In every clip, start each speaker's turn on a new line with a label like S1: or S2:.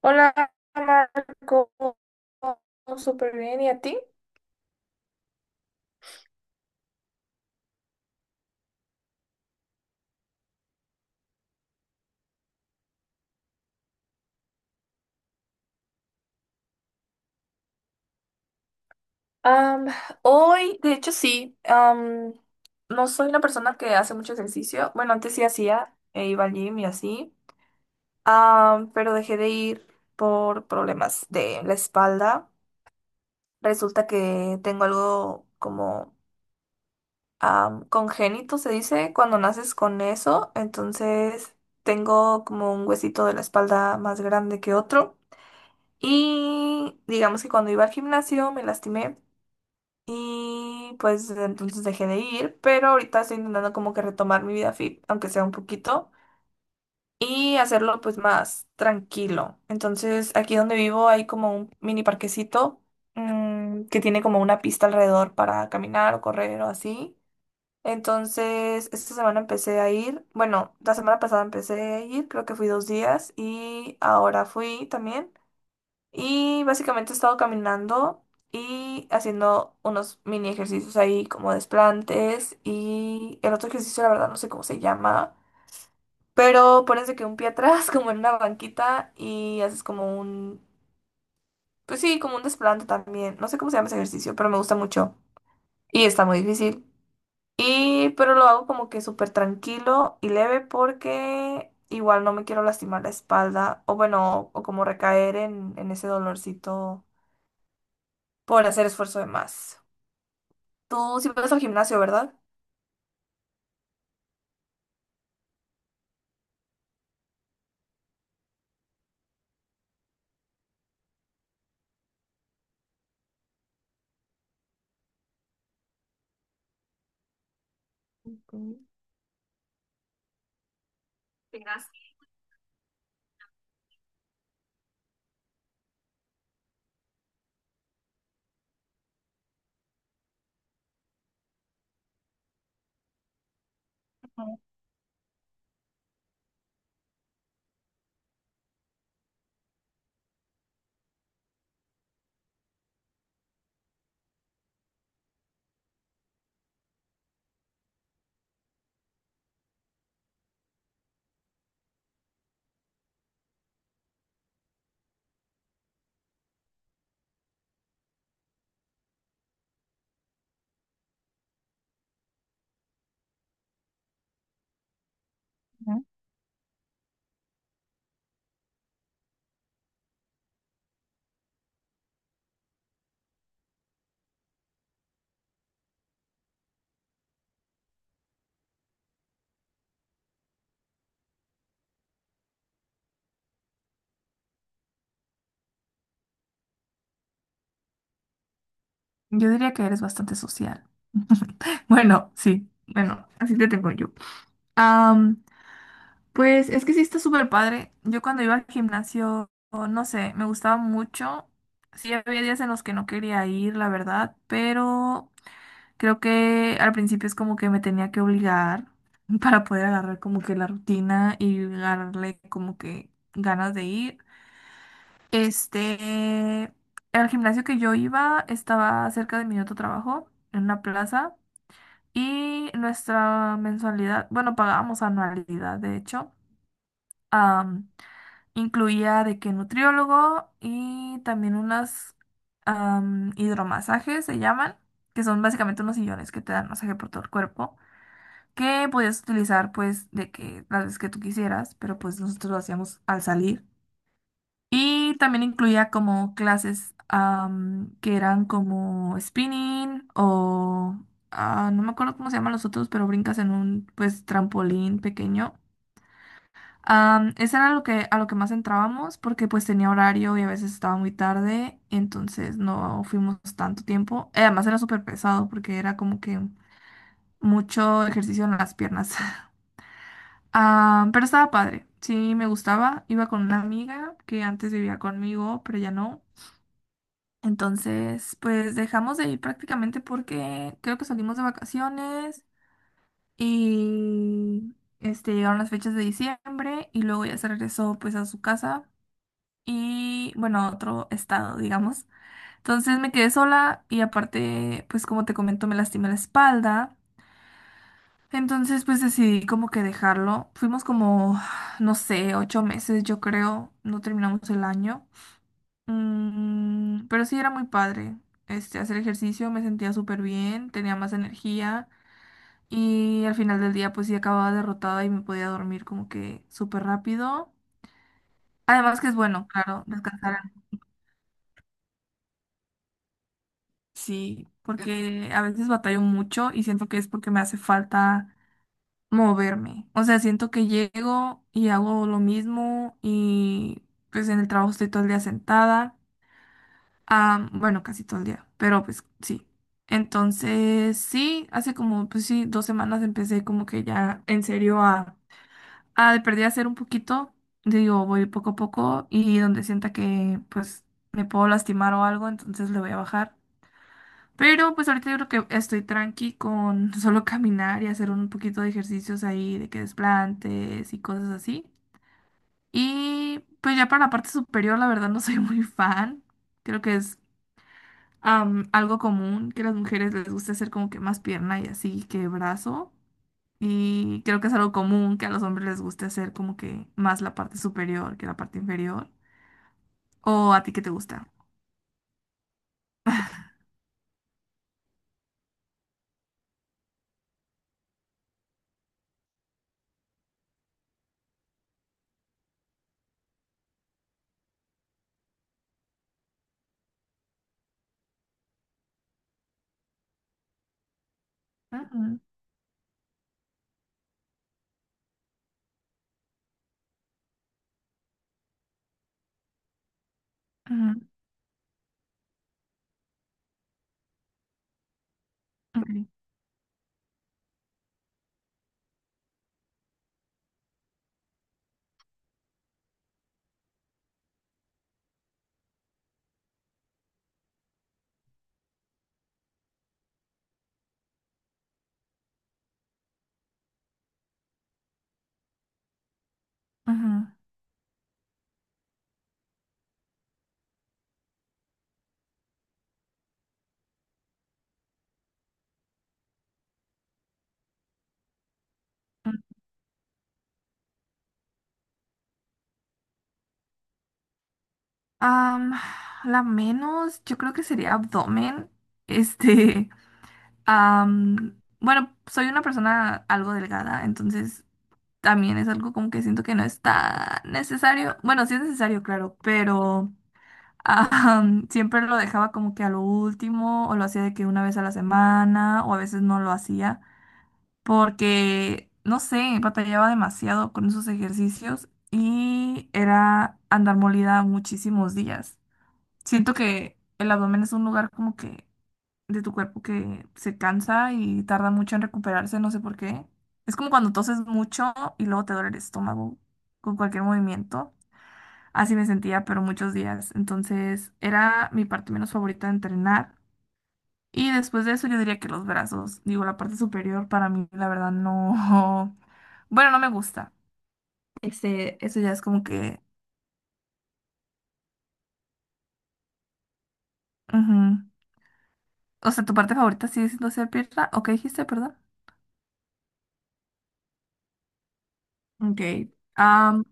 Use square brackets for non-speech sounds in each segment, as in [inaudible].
S1: Hola Marco, súper bien, ¿y a ti? Am, Hoy, de hecho sí, no soy una persona que hace mucho ejercicio. Bueno, antes sí hacía, e iba al gym y así. Pero dejé de ir por problemas de la espalda. Resulta que tengo algo como congénito, se dice, cuando naces con eso. Entonces tengo como un huesito de la espalda más grande que otro. Y digamos que cuando iba al gimnasio me lastimé, y pues desde entonces dejé de ir, pero ahorita estoy intentando como que retomar mi vida fit, aunque sea un poquito, y hacerlo pues más tranquilo. Entonces, aquí donde vivo hay como un mini parquecito que tiene como una pista alrededor para caminar o correr o así. Entonces, esta semana empecé a ir, bueno, la semana pasada empecé a ir, creo que fui 2 días y ahora fui también. Y básicamente he estado caminando y haciendo unos mini ejercicios ahí como desplantes. Y el otro ejercicio, la verdad, no sé cómo se llama. Pero pones de que un pie atrás, [laughs] como en una banquita, y haces como un, pues sí, como un desplante también. No sé cómo se llama ese ejercicio, pero me gusta mucho. Y está muy difícil. Y, pero lo hago como que súper tranquilo y leve porque igual no me quiero lastimar la espalda. O bueno, o como recaer en ese dolorcito por hacer esfuerzo de más. Tú sí vas al gimnasio, ¿verdad? Mm. Gimnasio. Ujú. Yo diría que eres bastante social. [laughs] Bueno, sí, bueno, así te tengo yo. Am, pues es que sí está súper padre. Yo cuando iba al gimnasio, no sé, me gustaba mucho. Sí, había días en los que no quería ir, la verdad, pero creo que al principio es como que me tenía que obligar [laughs] para poder agarrar como que la rutina y agarrarle como que ganas de ir. Este, el gimnasio que yo iba estaba cerca de mi otro trabajo, en una plaza, y nuestra mensualidad, bueno, pagábamos anualidad, de hecho, am, incluía de que nutriólogo y también unas hidromasajes se llaman, que son básicamente unos sillones que te dan masaje por todo el cuerpo, que podías utilizar pues de que las veces que tú quisieras, pero pues nosotros lo hacíamos al salir. Y también incluía como clases que eran como spinning o no me acuerdo cómo se llaman los otros, pero brincas en un pues trampolín pequeño. Eso era lo que, a lo que más entrábamos porque pues tenía horario y a veces estaba muy tarde, entonces no fuimos tanto tiempo. Además era súper pesado porque era como que mucho ejercicio en las piernas. [laughs] Pero estaba padre, sí me gustaba. Iba con una amiga que antes vivía conmigo, pero ya no. Entonces, pues dejamos de ir prácticamente porque creo que salimos de vacaciones, y llegaron las fechas de diciembre, y luego ya se regresó pues a su casa, y bueno, a otro estado, digamos. Entonces me quedé sola y aparte, pues como te comento, me lastimé la espalda. Entonces, pues decidí como que dejarlo. Fuimos como, no sé, 8 meses, yo creo, no terminamos el año. Pero sí era muy padre. Hacer ejercicio me sentía súper bien, tenía más energía y al final del día pues sí acababa derrotada y me podía dormir como que súper rápido. Además que es bueno, claro, descansar. Sí, porque a veces batallo mucho y siento que es porque me hace falta moverme. O sea, siento que llego y hago lo mismo y pues en el trabajo estoy todo el día sentada. Ah, bueno, casi todo el día, pero pues sí. Entonces, sí, hace como, pues sí, 2 semanas empecé como que ya en serio a de perdida hacer un poquito, digo, voy poco a poco y donde sienta que pues me puedo lastimar o algo, entonces le voy a bajar. Pero pues ahorita yo creo que estoy tranqui con [laughs] solo caminar y hacer un poquito de ejercicios ahí, de que desplantes y cosas así. Y pues ya para la parte superior, la verdad no soy muy fan. Creo que es algo común que a las mujeres les gusta hacer como que más pierna y así que brazo. Y creo que es algo común que a los hombres les gusta hacer como que más la parte superior que la parte inferior. ¿O a ti qué te gusta? Ujú, ujú, ok, ujú. Am, la menos, yo creo que sería abdomen. Este, [laughs] bueno, soy una persona algo delgada, entonces también es algo como que siento que no es tan necesario. Bueno, sí es necesario, claro, pero Ah, [laughs] siempre lo dejaba como que a lo último, o lo hacía de que una vez a la semana, o a veces no lo hacía, porque, no sé, batallaba demasiado con esos ejercicios y era andar molida muchísimos días. Siento que el abdomen es un lugar como que de tu cuerpo que se cansa y tarda mucho en recuperarse, no sé por qué. Es como cuando toses mucho y luego te duele el estómago con cualquier movimiento. Así me sentía, pero muchos días. Entonces era mi parte menos favorita de entrenar. Y después de eso yo diría que los brazos, digo, la parte superior para mí, la verdad, no. [laughs] Bueno, no me gusta. Eso ya es como que... Ujú. O sea, tu parte favorita sigue siendo hacer pierna. ¿O qué dijiste, perdón? Ok. Am,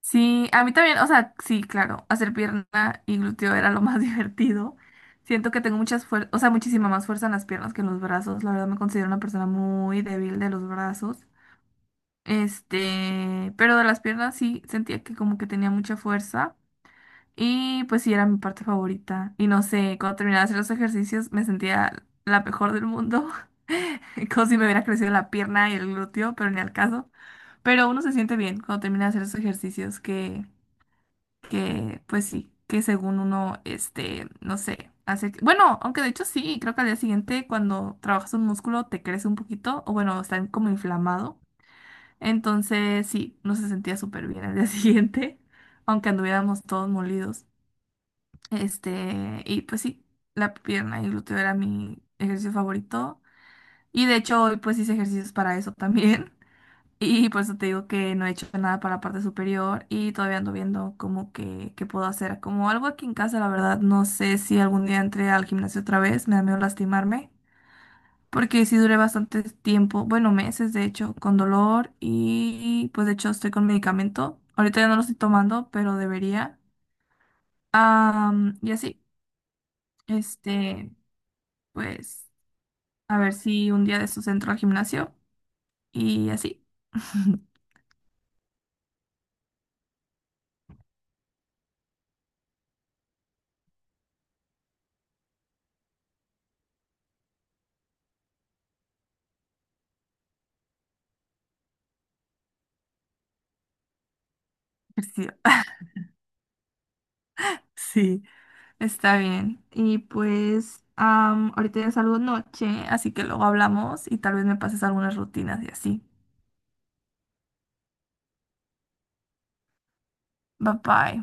S1: Sí, a mí también, o sea, sí, claro, hacer pierna y glúteo era lo más [laughs] divertido. Siento que tengo muchas o sea, muchísima más fuerza en las piernas que en los brazos. La verdad me considero una persona muy débil de los brazos. Pero de las piernas sí sentía que como que tenía mucha fuerza y pues sí era mi parte favorita. Y no sé, cuando terminaba de hacer los ejercicios me sentía la mejor del mundo. [laughs] Como si me hubiera crecido la pierna y el glúteo, pero ni al caso. Pero uno se siente bien cuando termina de hacer esos ejercicios que pues sí, que según uno, no sé, bueno, aunque de hecho sí, creo que al día siguiente cuando trabajas un músculo te crece un poquito, o bueno, está como inflamado. Entonces sí, no se sentía súper bien al día [laughs] siguiente, aunque anduviéramos todos molidos. Y pues sí, la pierna y el glúteo era mi ejercicio favorito. Y de hecho hoy pues hice ejercicios para eso también. Y por eso te digo que no he hecho nada para la parte superior y todavía ando viendo como que, qué puedo hacer. Como algo aquí en casa, la verdad, no sé si algún día entré al gimnasio otra vez, me da miedo lastimarme, porque sí duré bastante tiempo, bueno, meses de hecho, con dolor y pues de hecho estoy con medicamento. Ahorita ya no lo estoy tomando, pero debería. Y así, este, pues a ver si un día de estos entro al gimnasio y así. [laughs] Ejercicio. [laughs] Sí. Está bien. Y pues ahorita ya salgo noche, así que luego hablamos y tal vez me pases algunas rutinas y así. Bye bye.